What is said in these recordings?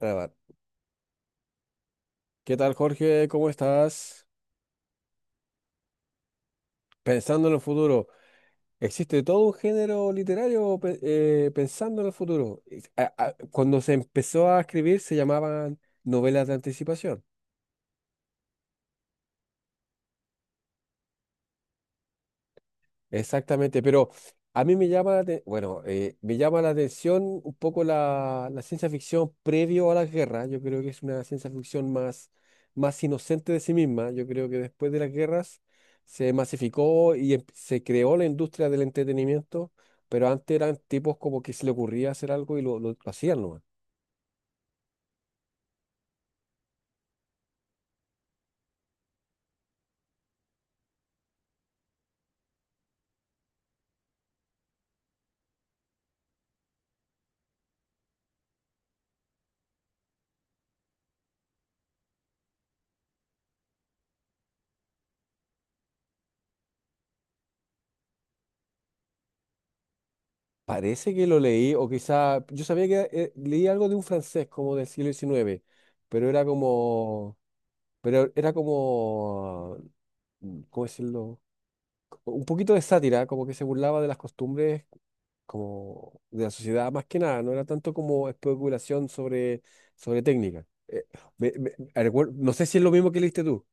Grabar. ¿Qué tal, Jorge? ¿Cómo estás? Pensando en el futuro, ¿existe todo un género literario pensando en el futuro? Cuando se empezó a escribir se llamaban novelas de anticipación. Exactamente, pero a mí me llama me llama la atención un poco la ciencia ficción previo a la guerra. Yo creo que es una ciencia ficción más inocente de sí misma. Yo creo que después de las guerras se masificó y se creó la industria del entretenimiento, pero antes eran tipos como que se le ocurría hacer algo y lo hacían nomás. Parece que lo leí, o quizá, yo sabía que leí algo de un francés como del siglo diecinueve, pero era como... Pero era como, mm, ¿cómo decirlo? Un poquito de sátira, como que se burlaba de las costumbres como de la sociedad más que nada, no era tanto como especulación sobre técnica. No sé si es lo mismo que leíste tú.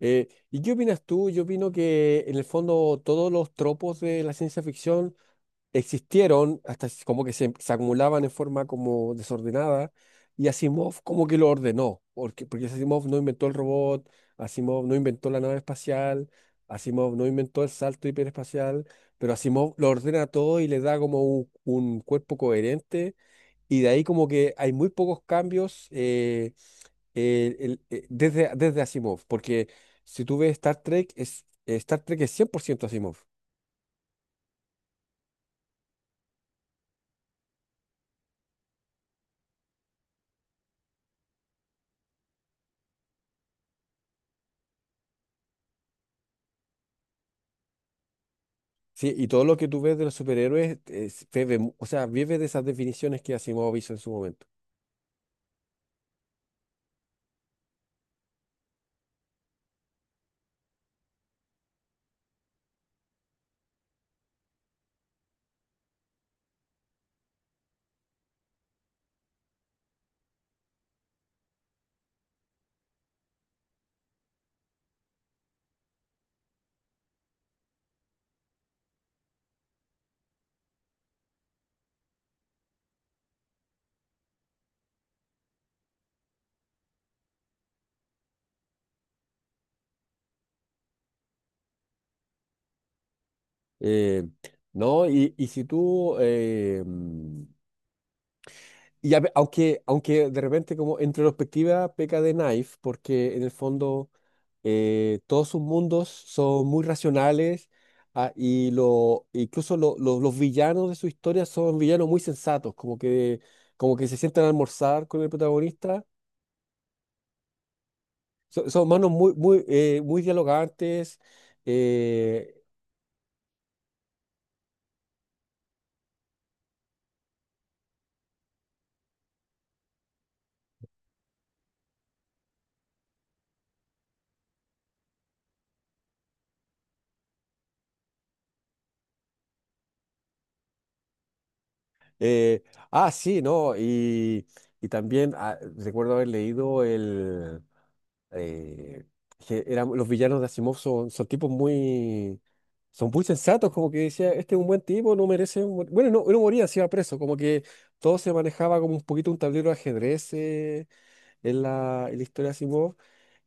¿Y qué opinas tú? Yo opino que en el fondo todos los tropos de la ciencia ficción existieron, hasta es como que se acumulaban en forma como desordenada, y Asimov como que lo ordenó, porque Asimov no inventó el robot, Asimov no inventó la nave espacial, Asimov no inventó el salto hiperespacial, pero Asimov lo ordena todo y le da como un cuerpo coherente, y de ahí como que hay muy pocos cambios desde, desde Asimov, porque si tú ves Star Trek, Star Trek es 100% Asimov. Sí, y todo lo que tú ves de los superhéroes, bebe o sea, vive de esas definiciones que Asimov hizo en su momento. Eh, no, y si tú, y aunque, aunque de repente como en retrospectiva peca de Knife, porque en el fondo todos sus mundos son muy racionales, ah, y lo, incluso los villanos de su historia son villanos muy sensatos, como que se sientan a almorzar con el protagonista. Son, son manos muy dialogantes. eh, eh, ah, sí, ¿no? Y también ah, recuerdo haber leído el... eh, que eran, los villanos de Asimov son, son tipos muy... Son muy sensatos, como que decía, este es un buen tipo, no merece... mor-". Bueno, no, no moría, se iba preso, como que todo se manejaba como un poquito un tablero de ajedrez en la historia de Asimov.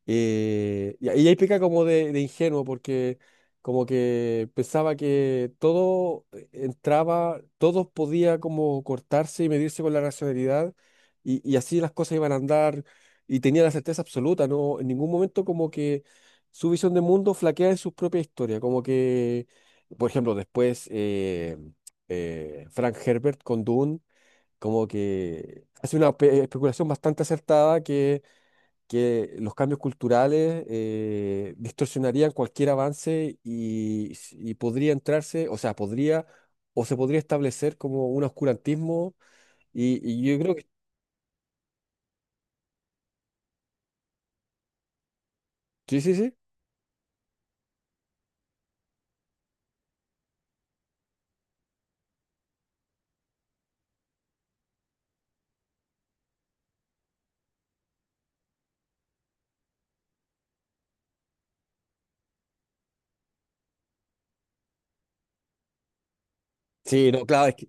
Y ahí peca como de ingenuo, porque como que pensaba que todo entraba, todo podía como cortarse y medirse con la racionalidad, y así las cosas iban a andar, y tenía la certeza absoluta, ¿no? En ningún momento como que su visión de mundo flaquea en su propia historia, como que, por ejemplo, después Frank Herbert con Dune, como que hace una especulación bastante acertada que los cambios culturales distorsionarían cualquier avance y podría entrarse, o sea, podría o se podría establecer como un oscurantismo y yo creo que sí, sí, sí. Sí, no, claro, es que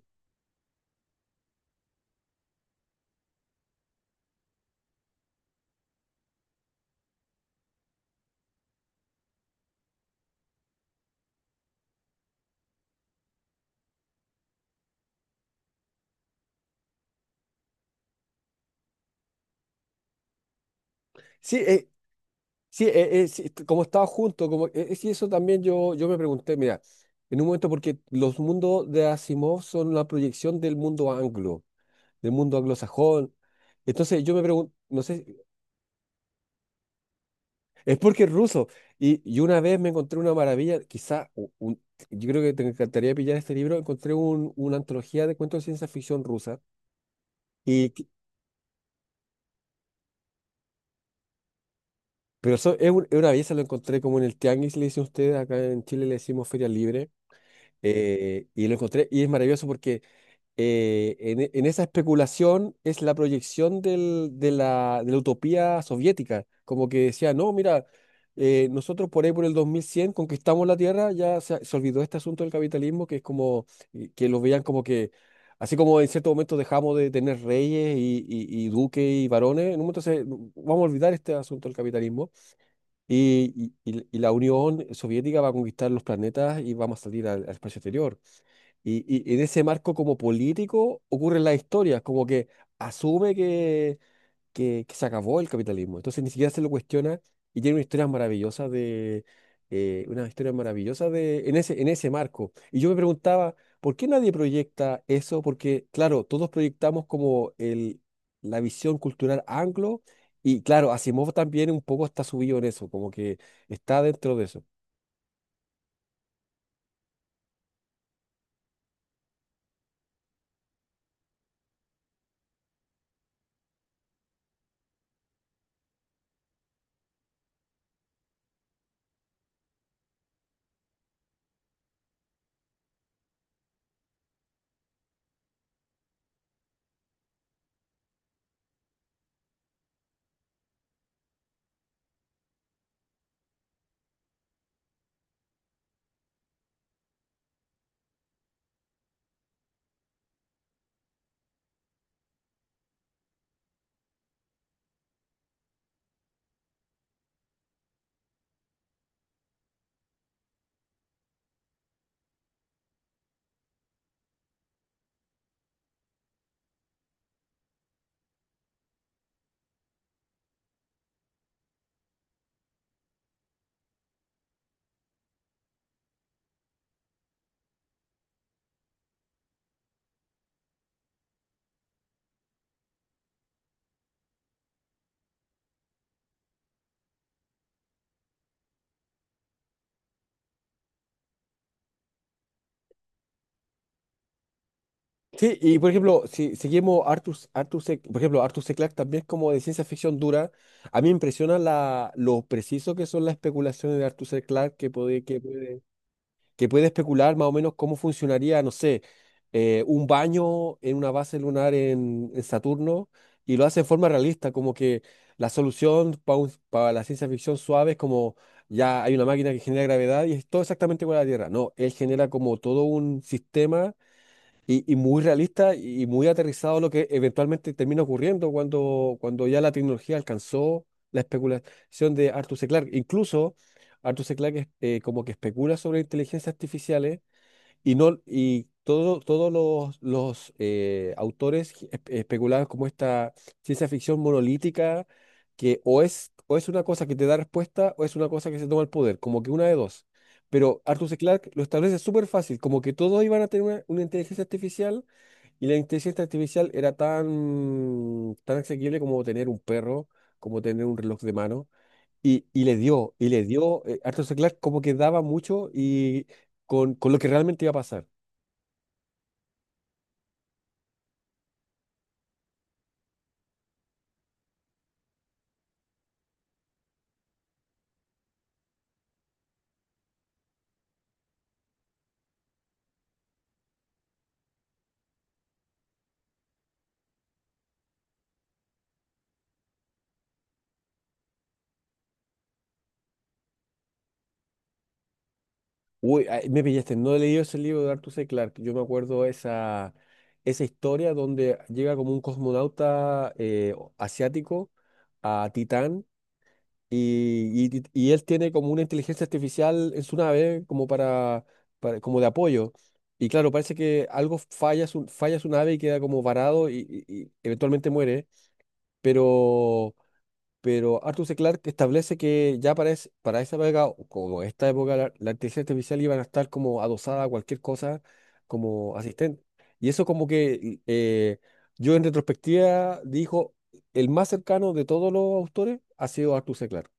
sí, eh, como estaba junto, como sí, eso también yo me pregunté, mira, en un momento porque los mundos de Asimov son la proyección del mundo anglo, del mundo anglosajón. Entonces yo me pregunto, no sé, es porque es ruso. Y una vez me encontré una maravilla, quizá, yo creo que te encantaría pillar este libro, encontré una antología de cuentos de ciencia ficción rusa. Y, pero eso es, es una belleza, lo encontré como en el Tianguis, le dicen ustedes, acá en Chile le decimos Feria Libre. Eh, y lo encontré y es maravilloso porque en esa especulación es la proyección de la utopía soviética, como que decía, no, mira, nosotros por ahí por el 2100 conquistamos la Tierra, ya se olvidó este asunto del capitalismo, que es como, que lo veían como que, así como en cierto momento dejamos de tener reyes y, y duques y varones, en un momento no, vamos a olvidar este asunto del capitalismo y, y la Unión Soviética va a conquistar los planetas y vamos a salir al espacio exterior. Y, y en ese marco como político ocurren las historias, como que asume que se acabó el capitalismo. Entonces ni siquiera se lo cuestiona y tiene una historia maravillosa de en ese marco. Y yo me preguntaba, ¿por qué nadie proyecta eso? Porque, claro, todos proyectamos como la visión cultural anglo, y claro, Asimov también un poco está subido en eso, como que está dentro de eso. Sí, y por ejemplo, si seguimos por ejemplo, Arthur C. Clarke también es como de ciencia ficción dura. A mí me impresiona la, lo preciso que son las especulaciones de Arthur C. Clarke que puede especular más o menos cómo funcionaría, no sé, un baño en una base lunar en Saturno y lo hace de forma realista, como que la solución para la ciencia ficción suave es como ya hay una máquina que genera gravedad y es todo exactamente igual a la Tierra. No, él genera como todo un sistema y muy realista y muy aterrizado a lo que eventualmente termina ocurriendo cuando ya la tecnología alcanzó la especulación de Arthur C. Clarke. Incluso Arthur C. Clarke como que especula sobre inteligencias artificiales y, no, y todos autores especulaban como esta ciencia ficción monolítica que o es una cosa que te da respuesta o es una cosa que se toma el poder, como que una de dos. Pero Arthur C. Clarke lo establece súper fácil, como que todos iban a tener una inteligencia artificial y la inteligencia artificial era tan asequible como tener un perro, como tener un reloj de mano. Y, y le dio, Arthur C. Clarke como que daba mucho y con lo que realmente iba a pasar. Uy, ay, me pillaste, no he leído ese libro de Arthur C. Clarke. Yo me acuerdo esa historia donde llega como un cosmonauta asiático a Titán y, y él tiene como una inteligencia artificial en su nave como para, como de apoyo. Y claro, parece que algo falla falla su nave y queda como varado y, y eventualmente muere. Pero pero Arthur C. Clarke establece que ya para esa época, o como esta época, la inteligencia artificial iban a estar como adosada a cualquier cosa como asistente. Y eso como que yo en retrospectiva dijo, el más cercano de todos los autores ha sido Arthur C. Clarke.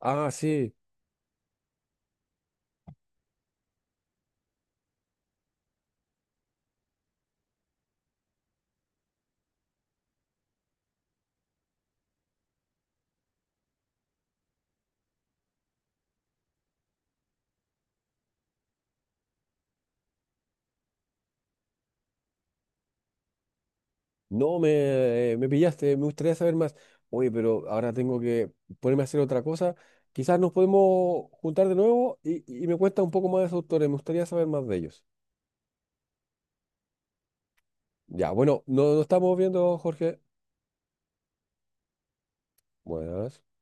Ah, sí, no, me pillaste, me gustaría saber más. Oye, pero ahora tengo que ponerme a hacer otra cosa. Quizás nos podemos juntar de nuevo y me cuentas un poco más de esos autores, me gustaría saber más de ellos. Ya, bueno, no, no estamos viendo, Jorge. Buenas.